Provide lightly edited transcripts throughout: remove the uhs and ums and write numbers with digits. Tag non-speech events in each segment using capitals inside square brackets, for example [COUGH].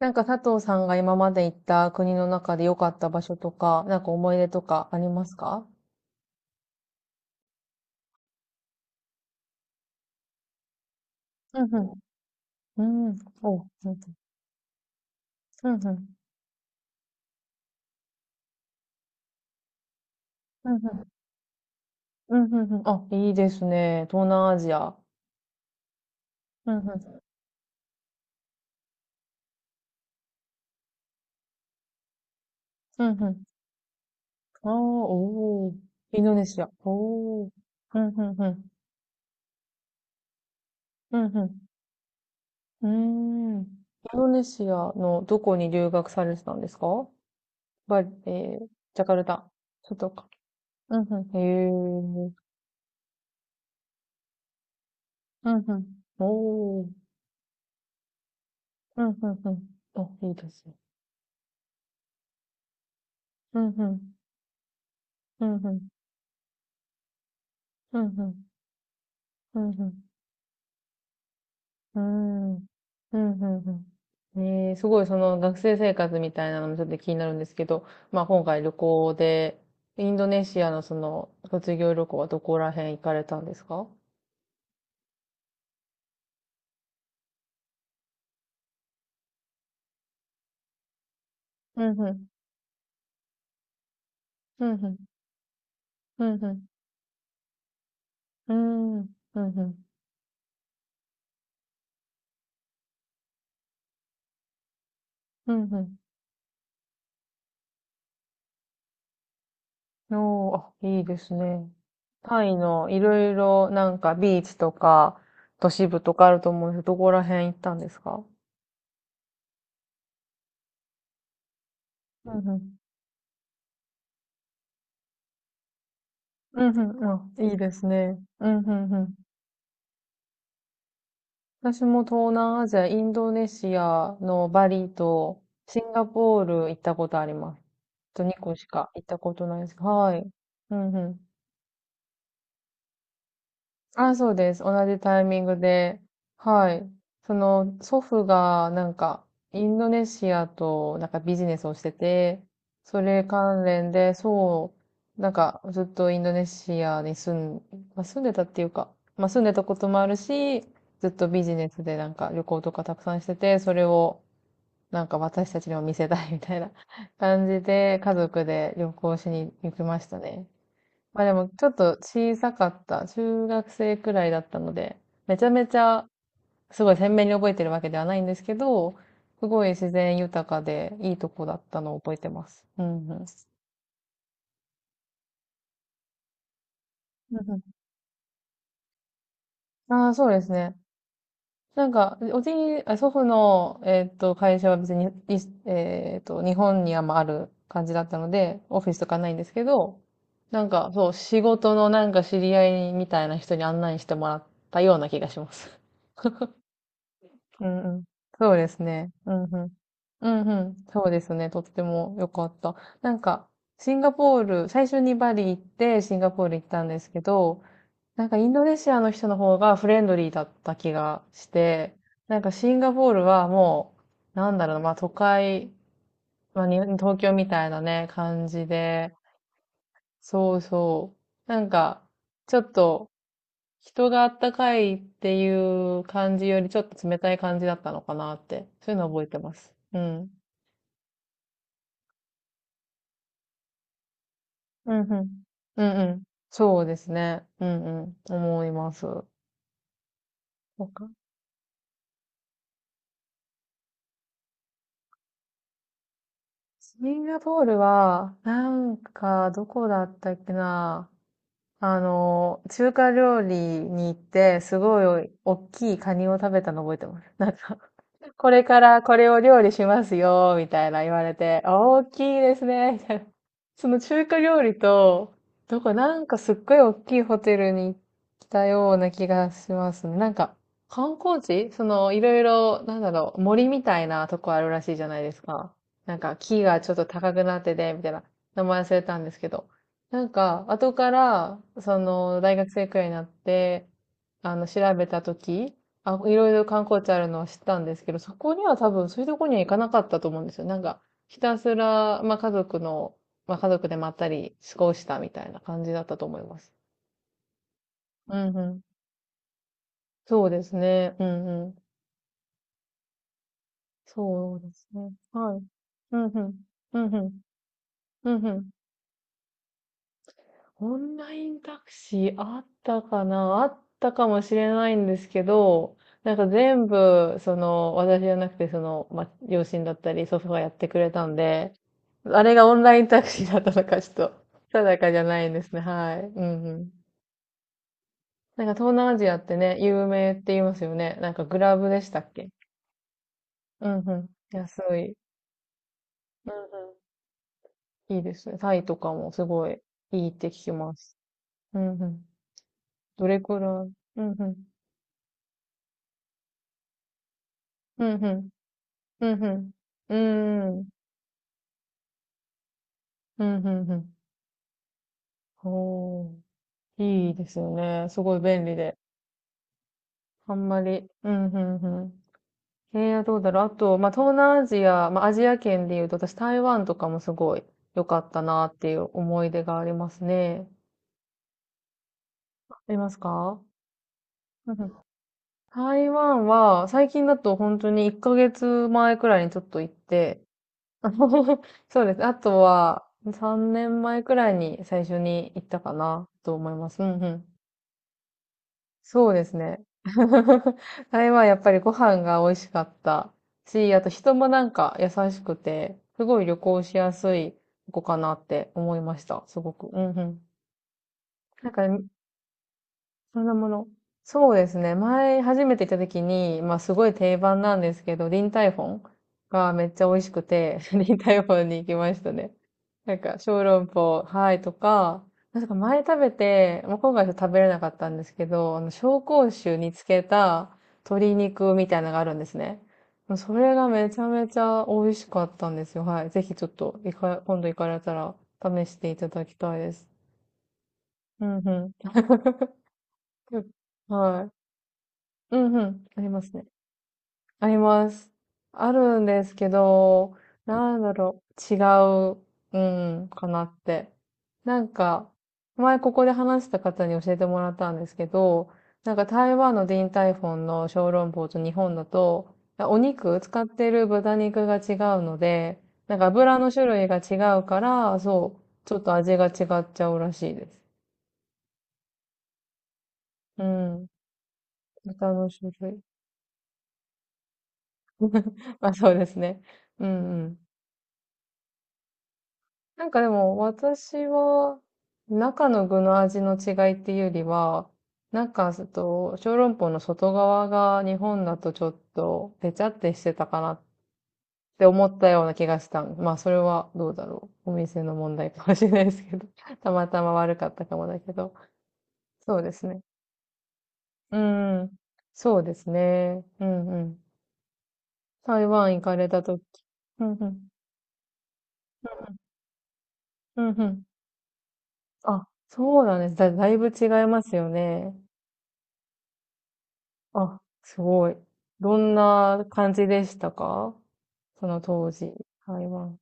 なんか佐藤さんが今まで行った国の中で良かった場所とか、なんか思い出とかありますか？うんうん。うん。お、うんうん。うんうん。うんうん。うんうん。あ、いいですね。東南アジア。うんうん。うんうん。ああ、おー。インドネシア。おー。うんうんうん。うんうん。うーん。インドネシアのどこに留学されてたんですか？バリ、ー、ジャカルタ。そうとか。うんうん。へえ。うんうん。おー。うん、うんうん。あ、いいですね。うん、うん。うん、うん。うん、うん。うん、うん。うん。うん、うんね、すごいその学生生活みたいなのもちょっと気になるんですけど、まあ今回旅行で、インドネシアのその卒業旅行はどこら辺行かれたんですか？うん、うん。うん、うん。うん、うん。うん。うん、うん。うん、うん。おー、あ、いいですね。タイのいろいろなんかビーチとか都市部とかあると思うんですけど、どこら辺行ったんですか？うんうん。うんうん。あ、いいですね。うんうんうん。私も東南アジア、インドネシアのバリとシンガポール行ったことあります。あと2個しか行ったことないです。はい。うんうん。あ、そうです。同じタイミングで。はい。その、祖父が、なんか、インドネシアと、なんかビジネスをしてて、それ関連で、そう、なんか、ずっとインドネシアにまあ、住んでたっていうか、まあ、住んでたこともあるし、ずっとビジネスでなんか旅行とかたくさんしてて、それを、なんか私たちにも見せたいみたいな [LAUGHS] 感じで、家族で旅行しに行きましたね。まあでもちょっと小さかった。中学生くらいだったので、めちゃめちゃすごい鮮明に覚えてるわけではないんですけど、すごい自然豊かでいいとこだったのを覚えてます。うんうん。うんうん、ああ、そうですね。なんか、おじい、あ祖父の、会社は別に、いえっと、日本にはまあある感じだったので、オフィスとかないんですけど、なんか、そう、仕事のなんか知り合いみたいな人に案内してもらったような気がします。うんうん。そうですね。うんうん。うんうん。そうですね。とっても良かった。なんか、シンガポール、最初にバリ行って、シンガポール行ったんですけど、なんかインドネシアの人の方がフレンドリーだった気がして、なんかシンガポールはもう、なんだろうな、まあ都会、まあに東京みたいなね、感じで、そうそう。なんか、ちょっと、人があったかいっていう感じよりちょっと冷たい感じだったのかなって、そういうの覚えてます。うん。うんうん。うんうん。そうですね。うんうん。思います。そうか。シンガポールは、なんか、どこだったっけな。中華料理に行って、すごい大きいカニを食べたの覚えてます。なんか、これからこれを料理しますよ、みたいな言われて、あ大きいですね、[LAUGHS] みたいな。その中華料理と、どこ、なんかすっごい大きいホテルに来たような気がしますね。なんか、観光地その、いろいろ、なんだろう、森みたいなとこあるらしいじゃないですか。なんか、木がちょっと高くなってて、みたいな。名前忘れたんですけど。なんか、後から、その、大学生くらいになって、調べたとき、あ、いろいろ観光地あるのは知ったんですけど、そこには多分そういうとこには行かなかったと思うんですよ。なんか、ひたすら、まあ家族の、まあ家族でまったり過ごしたみたいな感じだったと思います。うんうん。そうですね。うんうん。そうですね。はい。うんうん。うんうん。うんうん。オンラインタクシーあったかな、あったかもしれないんですけど、なんか全部、その、私じゃなくて、その、ま、両親だったり、祖父がやってくれたんで、あれがオンラインタクシーだったのか、ちょっと、定かじゃないんですね。はい。うんうん。なんか東南アジアってね、有名って言いますよね。なんかグラブでしたっけ？うんうん。安い。うんうん。いいですね。タイとかもすごいいいって聞きます。うんうん。どれくらい。うんうん。うんうん。うん、うん。うーん。うん、うん、うん。ほう。いいですよね。すごい便利で。あんまり。うん、うん、うん。どうだろう。あと、まあ、東南アジア、まあ、アジア圏で言うと、私、台湾とかもすごい良かったなっていう思い出がありますね。ありますか？うんうん。台湾は、最近だと本当に1ヶ月前くらいにちょっと行って、あの [LAUGHS] そうです。あとは、3年前くらいに最初に行ったかなと思います。うんうん。そうですね。[LAUGHS] あれはやっぱりご飯が美味しかったし、あと人もなんか優しくて、すごい旅行しやすい子かなって思いました。すごく。うんうん。なんかそのもの。そうですね。前初めて行った時に、まあすごい定番なんですけど、リンタイフォンがめっちゃ美味しくて、[LAUGHS] リンタイフォンに行きましたね。なんか、小籠包、はいとか、なんか前食べて、もう今回は食べれなかったんですけど、紹興酒につけた鶏肉みたいなのがあるんですね。もうそれがめちゃめちゃ美味しかったんですよ。はい。ぜひちょっと、今度行かれたら試していただきたいです。うんうん。[LAUGHS] はい。うんうん。ありますね。あります。あるんですけど、なんだろう。違う、うん、かなって。なんか、前ここで話した方に教えてもらったんですけど、なんか台湾のディンタイフォンの小籠包と日本だと、お肉、使ってる豚肉が違うので、なんか油の種類が違うから、そう、ちょっと味が違っ。なんかでも私は中の具の味の違いっていうよりは、中と小籠包の外側が日本だとちょっとペチャってしてたかなって思ったような気がした。まあそれはどうだろう。お店の問題かもしれないですけど。[LAUGHS] たまたま悪かったかもだけど。そうですね。うん。そうですね。うんうん。台湾行かれたとき。うんうん。うんうん。あ、そうなんです。だいぶ違いますよね。あ、すごい。どんな感じでしたか？その当時、台湾。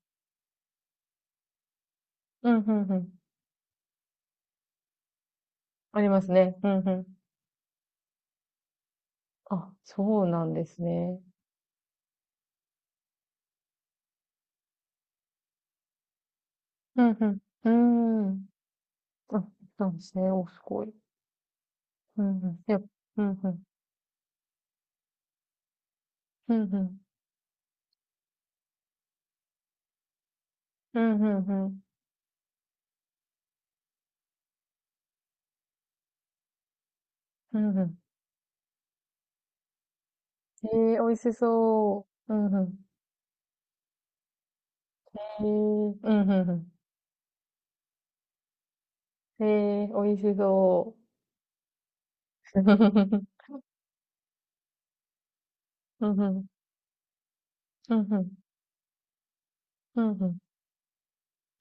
うん、うん、うん。ありますね。うん、うん。あ、そうなんですね。うん、うん。うーん。あ、そうなんですね。お、すごい。うん、うん。うん、うん。うん、うん。うん、うん。うん、うん、うん。え美味しそう。うん、うん。えー、うん、うん、うん。えー、美味しそう。[LAUGHS] うん、うん。うん、うん。うん、うん。うん、うん。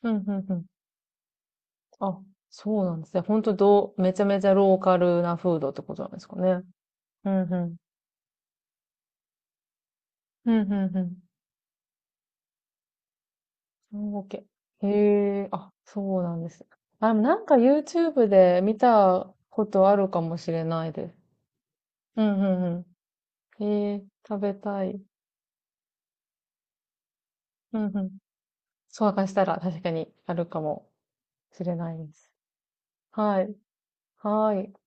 うん、うん。あ、そうなんですね。本当。めちゃめちゃローカルなフードってことなんですかね？うんうん。うんうんうん。オーケー。へえ、あ、そうなんです。あ、でもなんか YouTube で見たことあるかもしれないです。うんうんうん。へえ、食べたい。うんうん。そう明かしたら確かにあるかもしれないです。はい。はい。